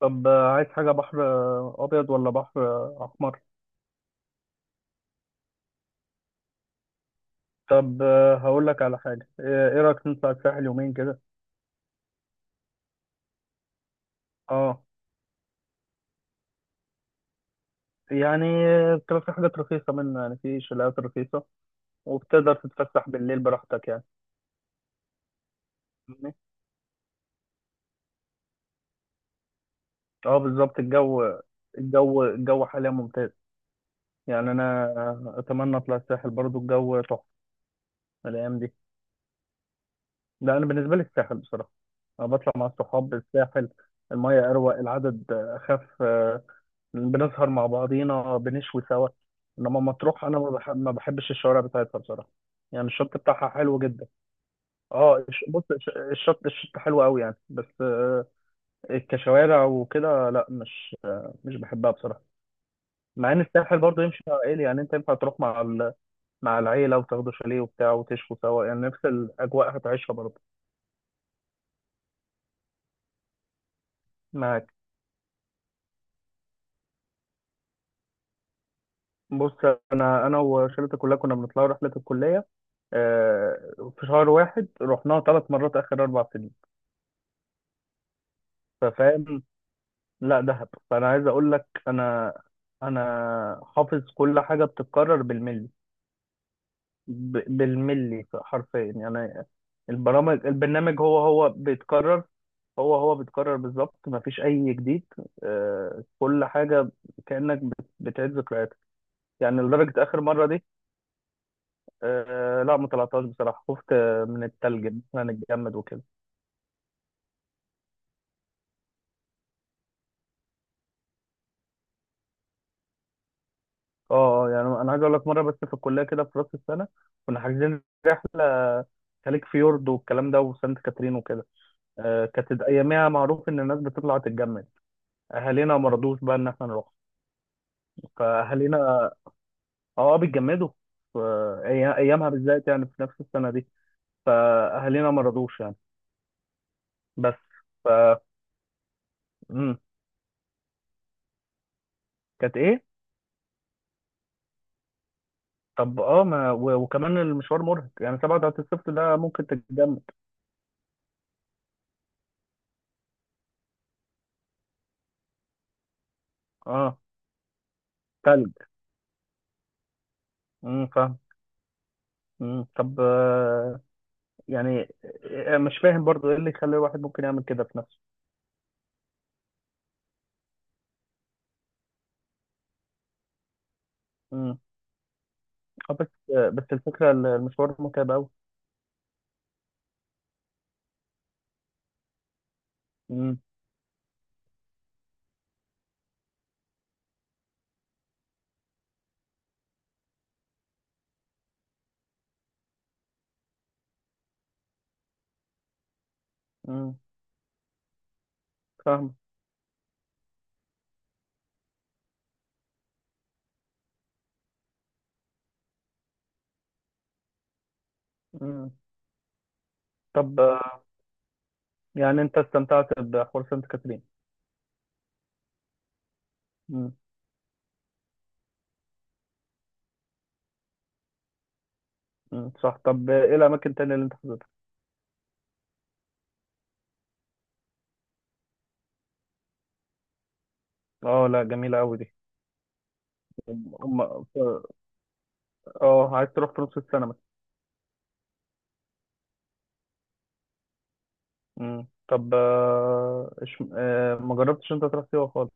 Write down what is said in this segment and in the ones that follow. طب آه، عايز حاجة بحر آه، أبيض ولا بحر آه، أحمر؟ طب آه، هقول لك على حاجة إيه رأيك نطلع الساحل يومين كده؟ أه، يعني آه، بتبقى في حاجات رخيصة منه، يعني في شاليهات رخيصة، وبتقدر تتفسح بالليل براحتك يعني. فاهمني؟ أه، بالظبط. الجو حاليا ممتاز. يعني أنا آه، أتمنى أطلع الساحل برضو، الجو تحفة الأيام دي. لا أنا بالنسبة لي الساحل بصراحة، أنا بطلع مع الصحاب الساحل، المية أروق، العدد أخف، بنسهر مع بعضينا، بنشوي سوا. انما مطروح انا ما بحبش الشوارع بتاعتها بصراحه. يعني الشط بتاعها حلو جدا. اه، الش- بص الش- الشط الشط حلو قوي يعني، بس آه، كشوارع وكده لا، مش آه، مش بحبها بصراحه. مع ان الساحل برضه يمشي مع عائلي، يعني انت ينفع تروح مع ال... مع العيله وتاخدوا شاليه وبتاع وتشوا سوا، يعني نفس الاجواء هتعيشها برضه. معاك. بص، انا وشلتي كلها كنا بنطلع رحله الكليه، آه، في شهر واحد رحناها 3 مرات اخر 4 سنين. ففاهم. لا دهب، فانا عايز اقول لك انا انا حافظ كل حاجه بتتكرر بالملي. بالملي حرفيا يعني. البرنامج هو بيتكرر. هو بيتكرر بالظبط، مفيش اي جديد. آه، كل حاجه كانك بتعيد ذكرياتك. يعني لدرجه اخر مره دي آه، لا ما طلعتهاش بصراحه، خفت آه، من التلج إن احنا نتجمد وكده. اه اه، يعني انا عايز اقول لك مره بس في الكليه كده في راس السنه كنا حاجزين رحله خليج فيورد والكلام ده وسانت كاترين وكده. آه، كانت اياميها معروف ان الناس بتطلع تتجمد، اهالينا ما رضوش بقى ان احنا نروح. فاهالينا اه، اه بيتجمدوا. ف- أي- ايامها بالذات يعني في نفس السنه دي، فاهالينا ما رضوش يعني. بس ف مم. كانت ايه؟ طب اه، ما و- وكمان المشوار مرهق، يعني 7 بتاعت الصيف ده ممكن تتجمد. اه، تلج. فاهم. مم. طب آه، يعني مش فاهم برضو ايه اللي يخلي الواحد ممكن يعمل كده في نفسه. امم. آه، بس آه، بس الفكرة المشوار متعب قوي. امم. امم فاهم. امم. طب آه، يعني انت استمتعت بحوار سانت كاترين. امم. أمم، صح. طب ايه الاماكن التانية اللي انت حضرتها؟ اه لا، جميلة قوي دي. أم... أم- اه، عايز تروح في نص السنة مثلا. امم. طب آه، ما جربتش انت تروح سيوة خالص.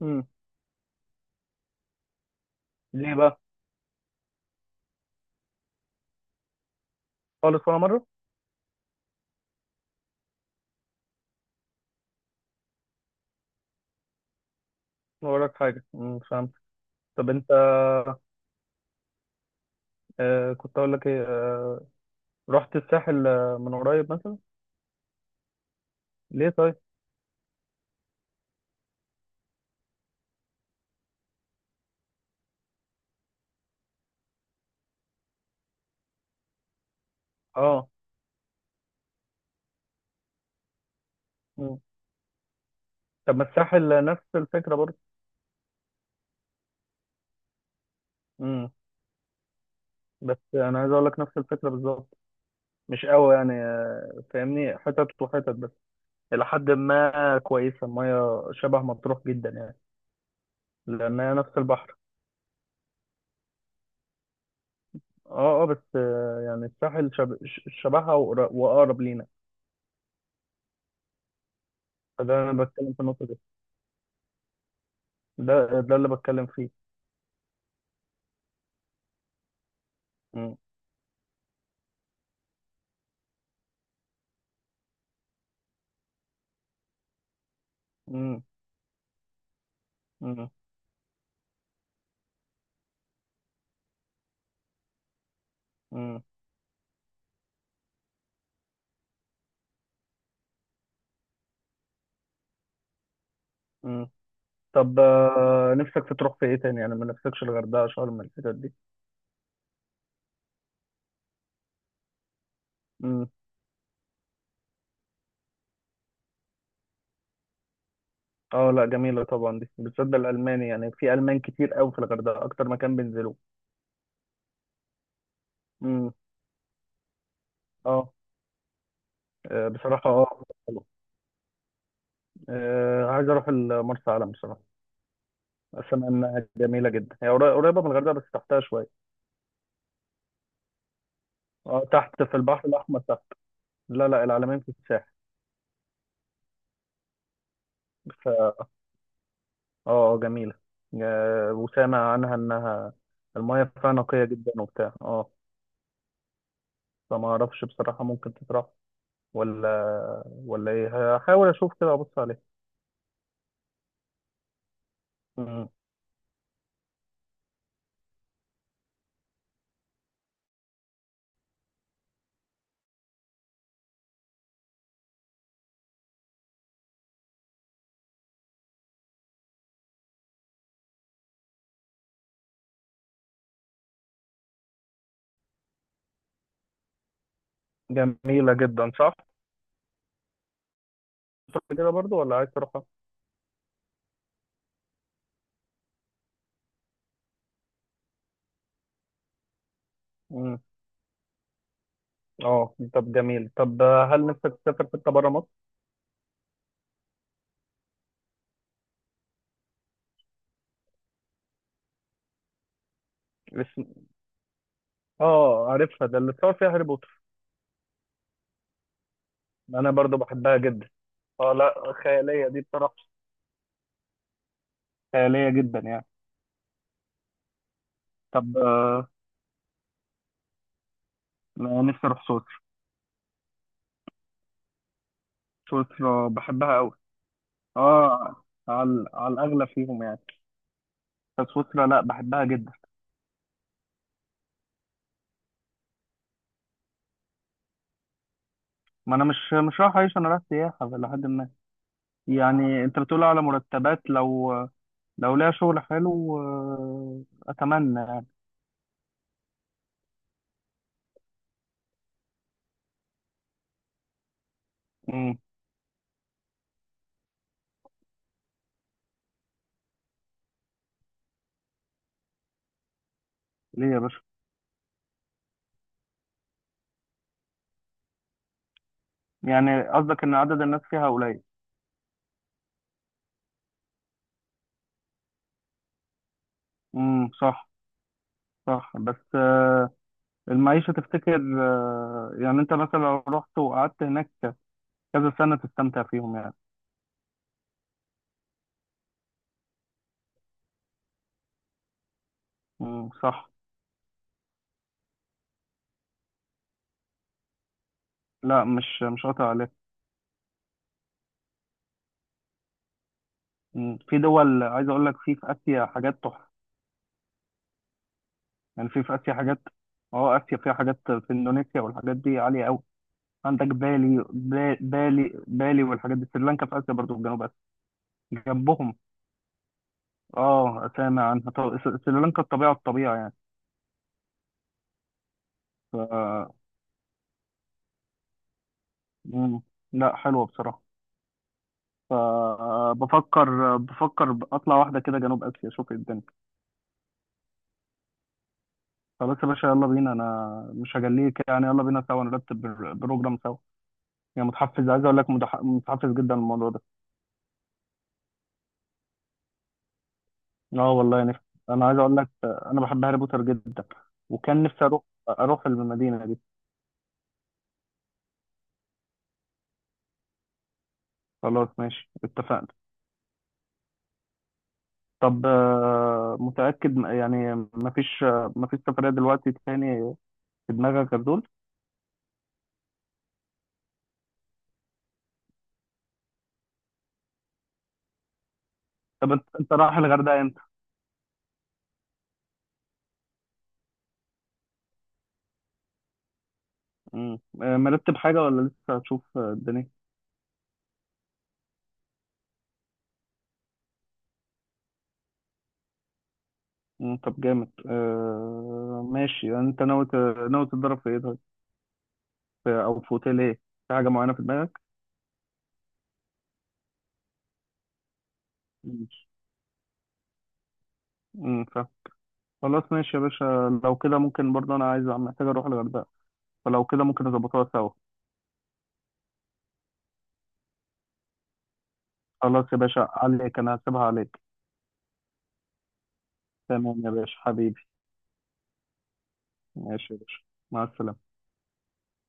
امم. ليه بقى؟ خالص ولا مرة؟ ما وراك حاجة. فهمت. طب انت آه، كنت اقول لك ايه، آه، رحت الساحل آه، من قريب مثلا؟ ليه طيب؟ اه. مم. طب ما الساحل نفس الفكره برضه. امم. بس انا عايز اقول لك نفس الفكره بالظبط. مش قوي يعني آه، فاهمني، حتت وحتت بس الى حد ما كويسه، الميه شبه مطروح جدا يعني، لانها نفس البحر. اه اه، بس آه، يعني الساحل شبهها، واقرب لينا. فده انا بتكلم في النقطه دي. ده اللي بتكلم فيه. امم. امم. امم. طب آه، نفسك في تروح في ايه تاني؟ يعني ما نفسكش الغردقه، شرم، الحتت دي؟ امم. اه لا جميله طبعا دي بالذات الالماني، يعني في المان كتير قوي في الغردقه، اكتر مكان بينزلوه. امم. اه. آه، بصراحه اه حلو. آه، عايز اروح مرسى علم بصراحه. اسمع انها جميله جدا، هي قريبه من الغردقه بس تحتها شويه. اه، تحت في البحر الاحمر تحت. لا لا، العلمين في الساحل. اه، آه، جميله. آه، وسامع عنها انها المايه فيها نقيه جدا وبتاع، اه. فما اعرفش بصراحه ممكن تتراح ولا ايه. هحاول اشوف كده ابص عليه. مم. جميلة جدا شهر كده برضو، ولا عايز تروحها؟ مم. اه طب جميل. طب هل نفسك تسافر حتة بره مصر؟ اسم. اه عارفها، ده اللي اتصور فيها هاري بوتر. انا برضو بحبها جدا. اه لا خيالية دي بصراحة. خيالية جدا يعني. طب آه، أنا نفسي اروح سويسرا. سويسرا بحبها قوي. اه، على على الاغلى فيهم يعني. بس سويسرا لا، بحبها جدا. ما انا مش رايح اعيش، انا رايح سياحة لحد. يعني انت بتقول على مرتبات، لو ليها شغل حلو آه، اتمنى يعني. امم. ليه يا باشا؟ يعني قصدك ان عدد الناس فيها قليل؟ صح. صح، بس آه، المعيشة تفتكر آه، يعني انت مثلا لو رحت وقعدت هناك كذا سنة تستمتع فيهم يعني؟ صح. لا مش قاطع عليك. مم. في دول عايز اقول لك، في في اسيا حاجات تحفة. يعني في في اسيا حاجات. اه، اسيا فيها حاجات، في اندونيسيا والحاجات دي عالية قوي. عندك بالي، بالي بالي والحاجات دي، سريلانكا في اسيا برضو، في جنوب اسيا جنبهم. اه، سامع عنها. طب سريلانكا الطبيعه الطبيعه يعني. ف مم. لا حلوه بصراحه. فبفكر، بفكر، بفكر اطلع واحده كده جنوب اسيا اشوف إيه الدنيا. خلاص يا باشا يلا بينا، انا مش هجليك يعني. يلا بينا سوا نرتب بروجرام سوا. يعني متحفز، عايز اقول لك متحفز جدا للموضوع ده. اه والله نفسي. انا عايز اقول لك انا بحب هاري بوتر جدا، وكان نفسي اروح، اروح المدينه دي. خلاص ماشي اتفقنا. طب آه، متأكد يعني مفيش آه، مفيش سفرية دلوقتي تاني في دماغك غير دول؟ طب انت، انت رايح الغردقة امتى؟ مم. آه، مرتب حاجة ولا لسه هتشوف آه، الدنيا؟ مم، طب جامد. آه، ماشي، يعني انت ناوي ناوي تتدرب في ايه طيب؟ او في اوتيل ايه؟ في حاجة معينة في دماغك؟ ماشي. مم، فاهم. خلاص ماشي يا باشا، لو كده ممكن برضه انا عايز، محتاج اروح الغردقة، فلو كده ممكن نظبطوها سوا. خلاص يا باشا، عليك، انا هسيبها عليك. تمام يا باشا حبيبي. ماشي يا باشا، مع السلامة.